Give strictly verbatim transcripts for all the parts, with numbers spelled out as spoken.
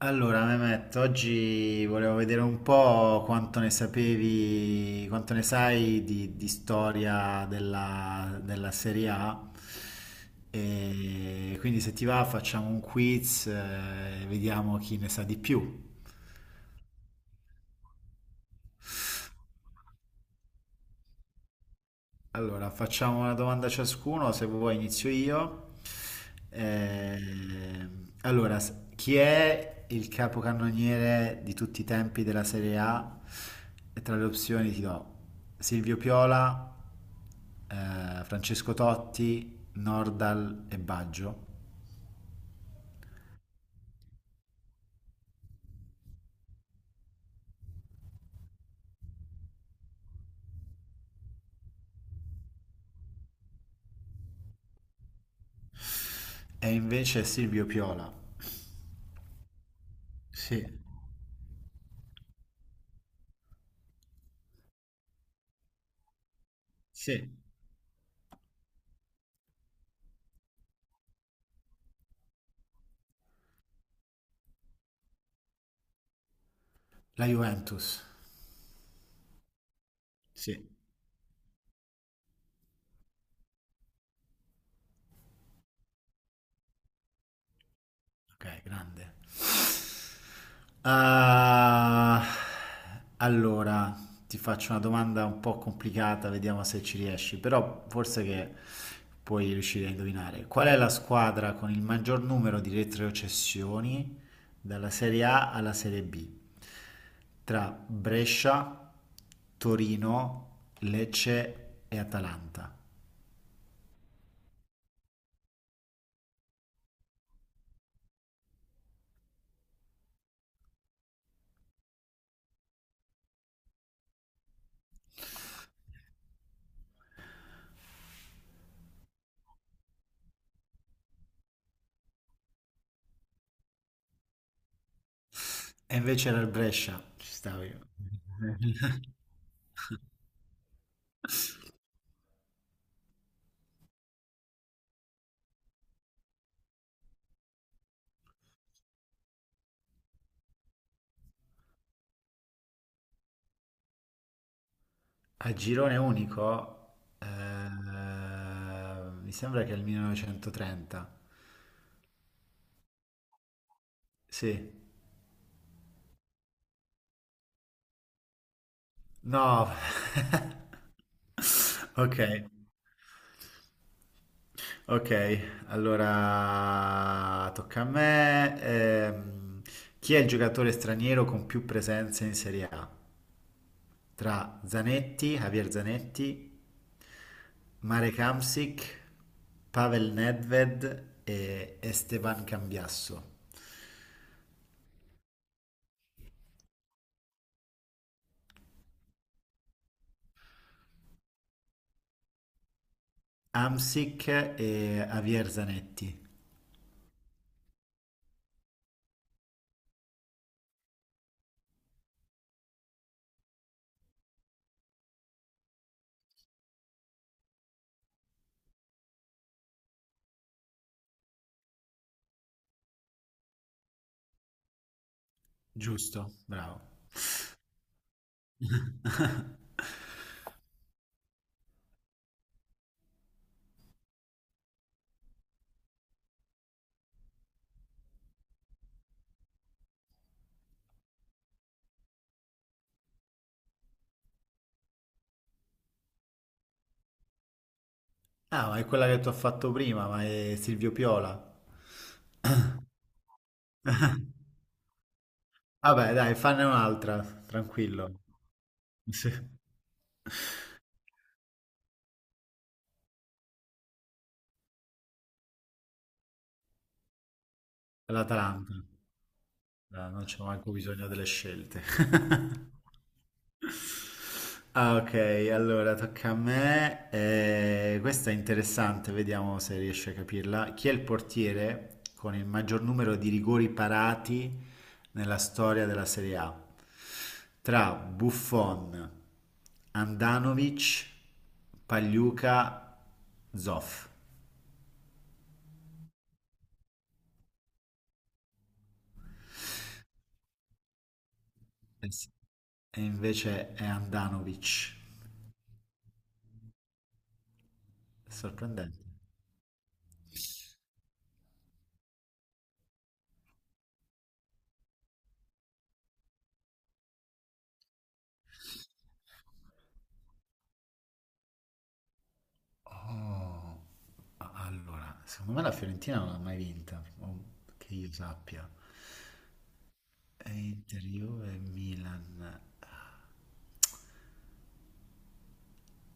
Allora, Mehmet, oggi volevo vedere un po' quanto ne sapevi, quanto ne sai di, di storia della, della Serie A. E quindi se ti va facciamo un quiz, eh, e vediamo chi ne sa di più. Allora, facciamo una domanda ciascuno, se vuoi inizio io. Ehm, allora, s- chi è il capocannoniere di tutti i tempi della Serie A? E tra le opzioni ti do Silvio Piola, eh, Francesco Totti, Nordal e Baggio. E invece Silvio Piola. Sì, sì. La Juventus. Sì. Ok, grande. Ah, allora, ti faccio una domanda un po' complicata, vediamo se ci riesci, però forse che puoi riuscire a indovinare. Qual è la squadra con il maggior numero di retrocessioni dalla Serie A alla Serie B? Tra Brescia, Torino, Lecce e Atalanta. E invece era il Brescia, ci stavo io. A girone unico, eh, mi sembra che è il millenovecentotrenta. Sì. No, ok, ok, allora tocca a me. Ehm, chi è il giocatore straniero con più presenze in Serie A? Tra Zanetti, Javier Zanetti, Marek Hamsik, Pavel Nedved e Esteban Cambiasso. Hamsik e Javier Zanetti, giusto, bravo. Ah, ma è quella che ti ho fatto prima, ma è Silvio Piola. Vabbè, dai, fanne un'altra, tranquillo. Sì. L'Atalanta. Dai, non c'è manco bisogno delle scelte. Ah, ok, allora tocca a me. Eh, questa è interessante, vediamo se riesci a capirla. Chi è il portiere con il maggior numero di rigori parati nella storia della Serie A? Tra Buffon, Andanovic, Pagliuca, Zoff. E invece è Andanovic. È sorprendente. Oh, A- Allora, secondo me la Fiorentina non l'ha mai vinta, o che io sappia. E Inter, Juve, Milan.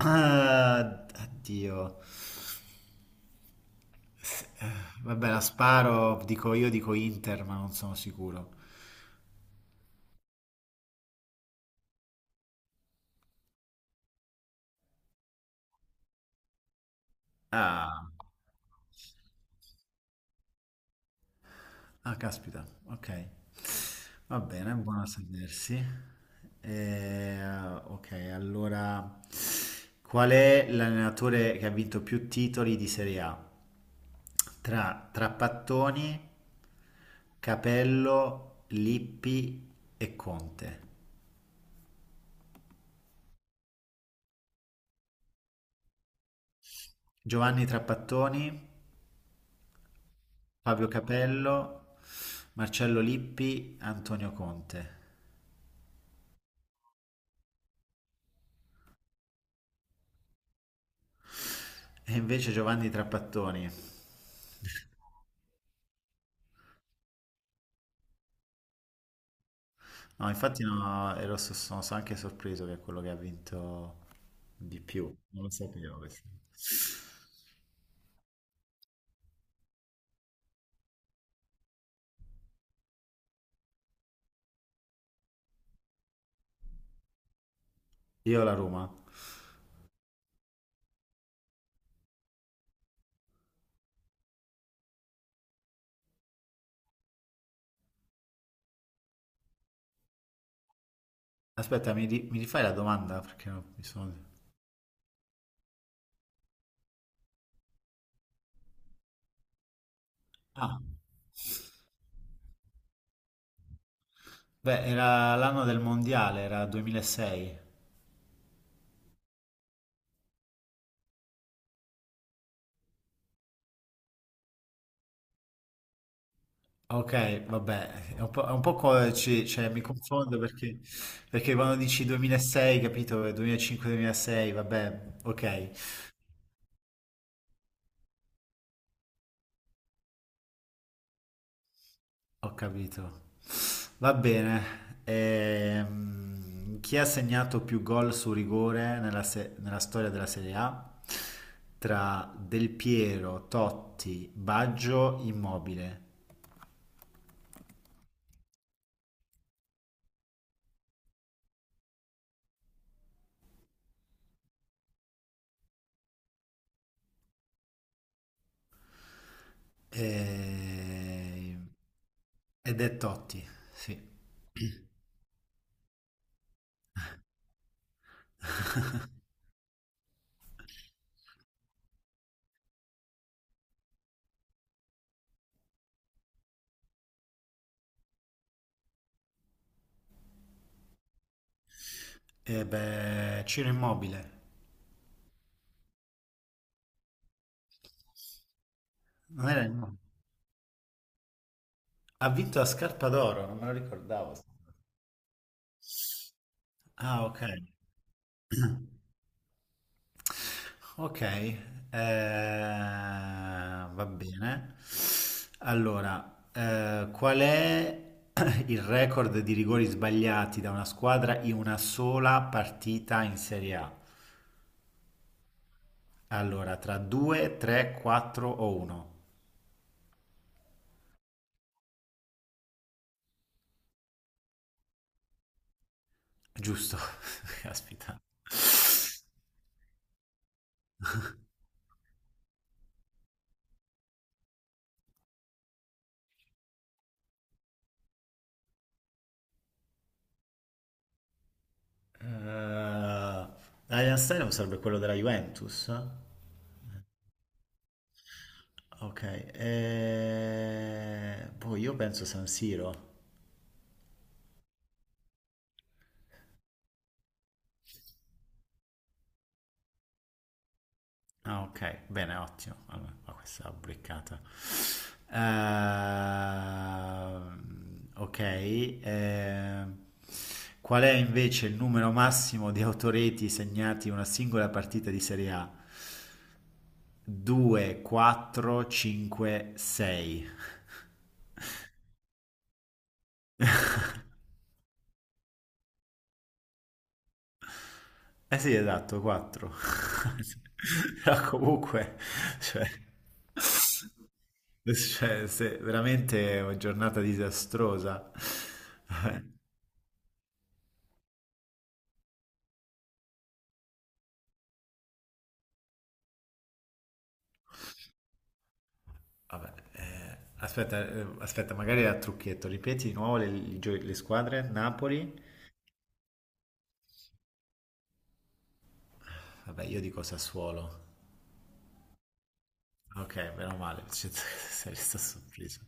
Ah, addio. S- eh, Vabbè, la sparo, dico io, dico Inter, ma non sono sicuro. Ah. Ah, caspita, ok. Va bene, buono a sapersi. Eh, ok, allora, qual è l'allenatore che ha vinto più titoli di Serie A? Tra Trapattoni, Capello, Lippi e Conte. Giovanni Trapattoni, Fabio Capello, Marcello Lippi, Antonio Conte. E invece Giovanni Trapattoni. No, infatti no, ero, so- sono so- anche sorpreso che è quello che ha vinto di più. Non lo sapevo questo. Io la Roma. Aspetta, mi, ri- mi rifai la domanda? Perché no, mi sono. Ah, beh, era l'anno del mondiale, era duemilasei. Ok, vabbè, è un po', è un po' co- ci- cioè, mi confondo perché, perché quando dici duemilasei, capito, duemilacinque-duemilasei, vabbè, ok. Ho capito. Va bene. Ehm, chi ha segnato più gol su rigore nella, se- nella storia della Serie A? Tra Del Piero, Totti, Baggio, Immobile. Ehm, ed è Totti, sì. E beh, Ciro Immobile. Non era Immobile. Ha vinto a scarpa d'oro, non me lo ricordavo. Ah, ok. Ok, eh, va bene. Allora, eh, qual è il record di rigori sbagliati da una squadra in una sola partita in Serie A? Allora, tra due, tre, quattro o uno? Giusto, caspita. Eh, Allianz Stadium sarebbe quello della Juventus? Ok, eh, boh, io penso San Siro. Ah, ok, bene, ottimo. Allora, qua questa l'ho beccata. Ehm, ok, ehm, qual è invece il numero massimo di autoreti segnati in una singola partita di Serie A? due, quattro, cinque, sei. Eh sì, esatto, quattro. Però comunque, cioè, cioè, se- veramente è una giornata disastrosa. Vabbè, eh, aspetta, eh, aspetta, magari era trucchetto. Ripeti di nuovo le, i gio- le squadre. Napoli. Vabbè, io dico Sassuolo. Ok, meno male, cioè, sei rimasto sorpreso.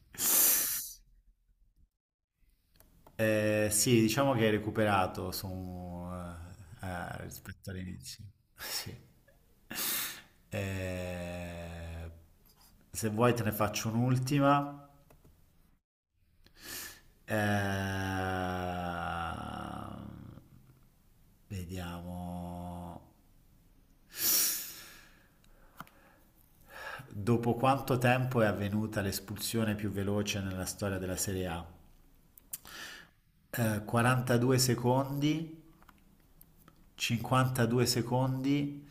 Eh sì, diciamo che hai recuperato su, eh, eh, rispetto all'inizio. Sì. Eh, se vuoi te ne faccio un'ultima. Eh, vediamo. Dopo quanto tempo è avvenuta l'espulsione più veloce nella storia della Serie A? Eh, quarantadue secondi, cinquantadue secondi,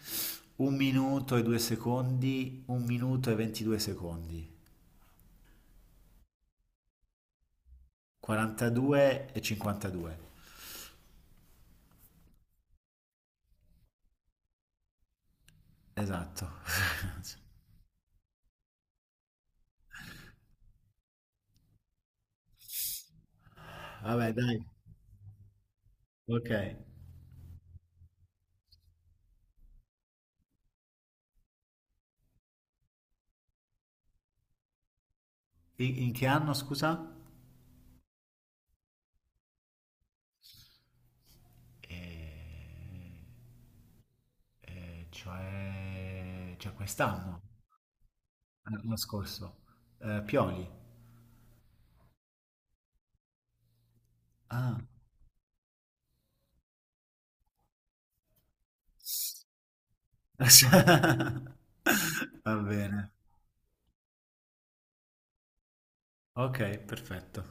un minuto e due secondi, un minuto e ventidue secondi. quarantadue e cinquantadue. Esatto. Vabbè, dai. Ok. In, in che anno, scusa? Eh, eh, cioè, cioè quest'anno, l'anno scorso. Eh, Pioli. Ah. Va bene. Ok, perfetto.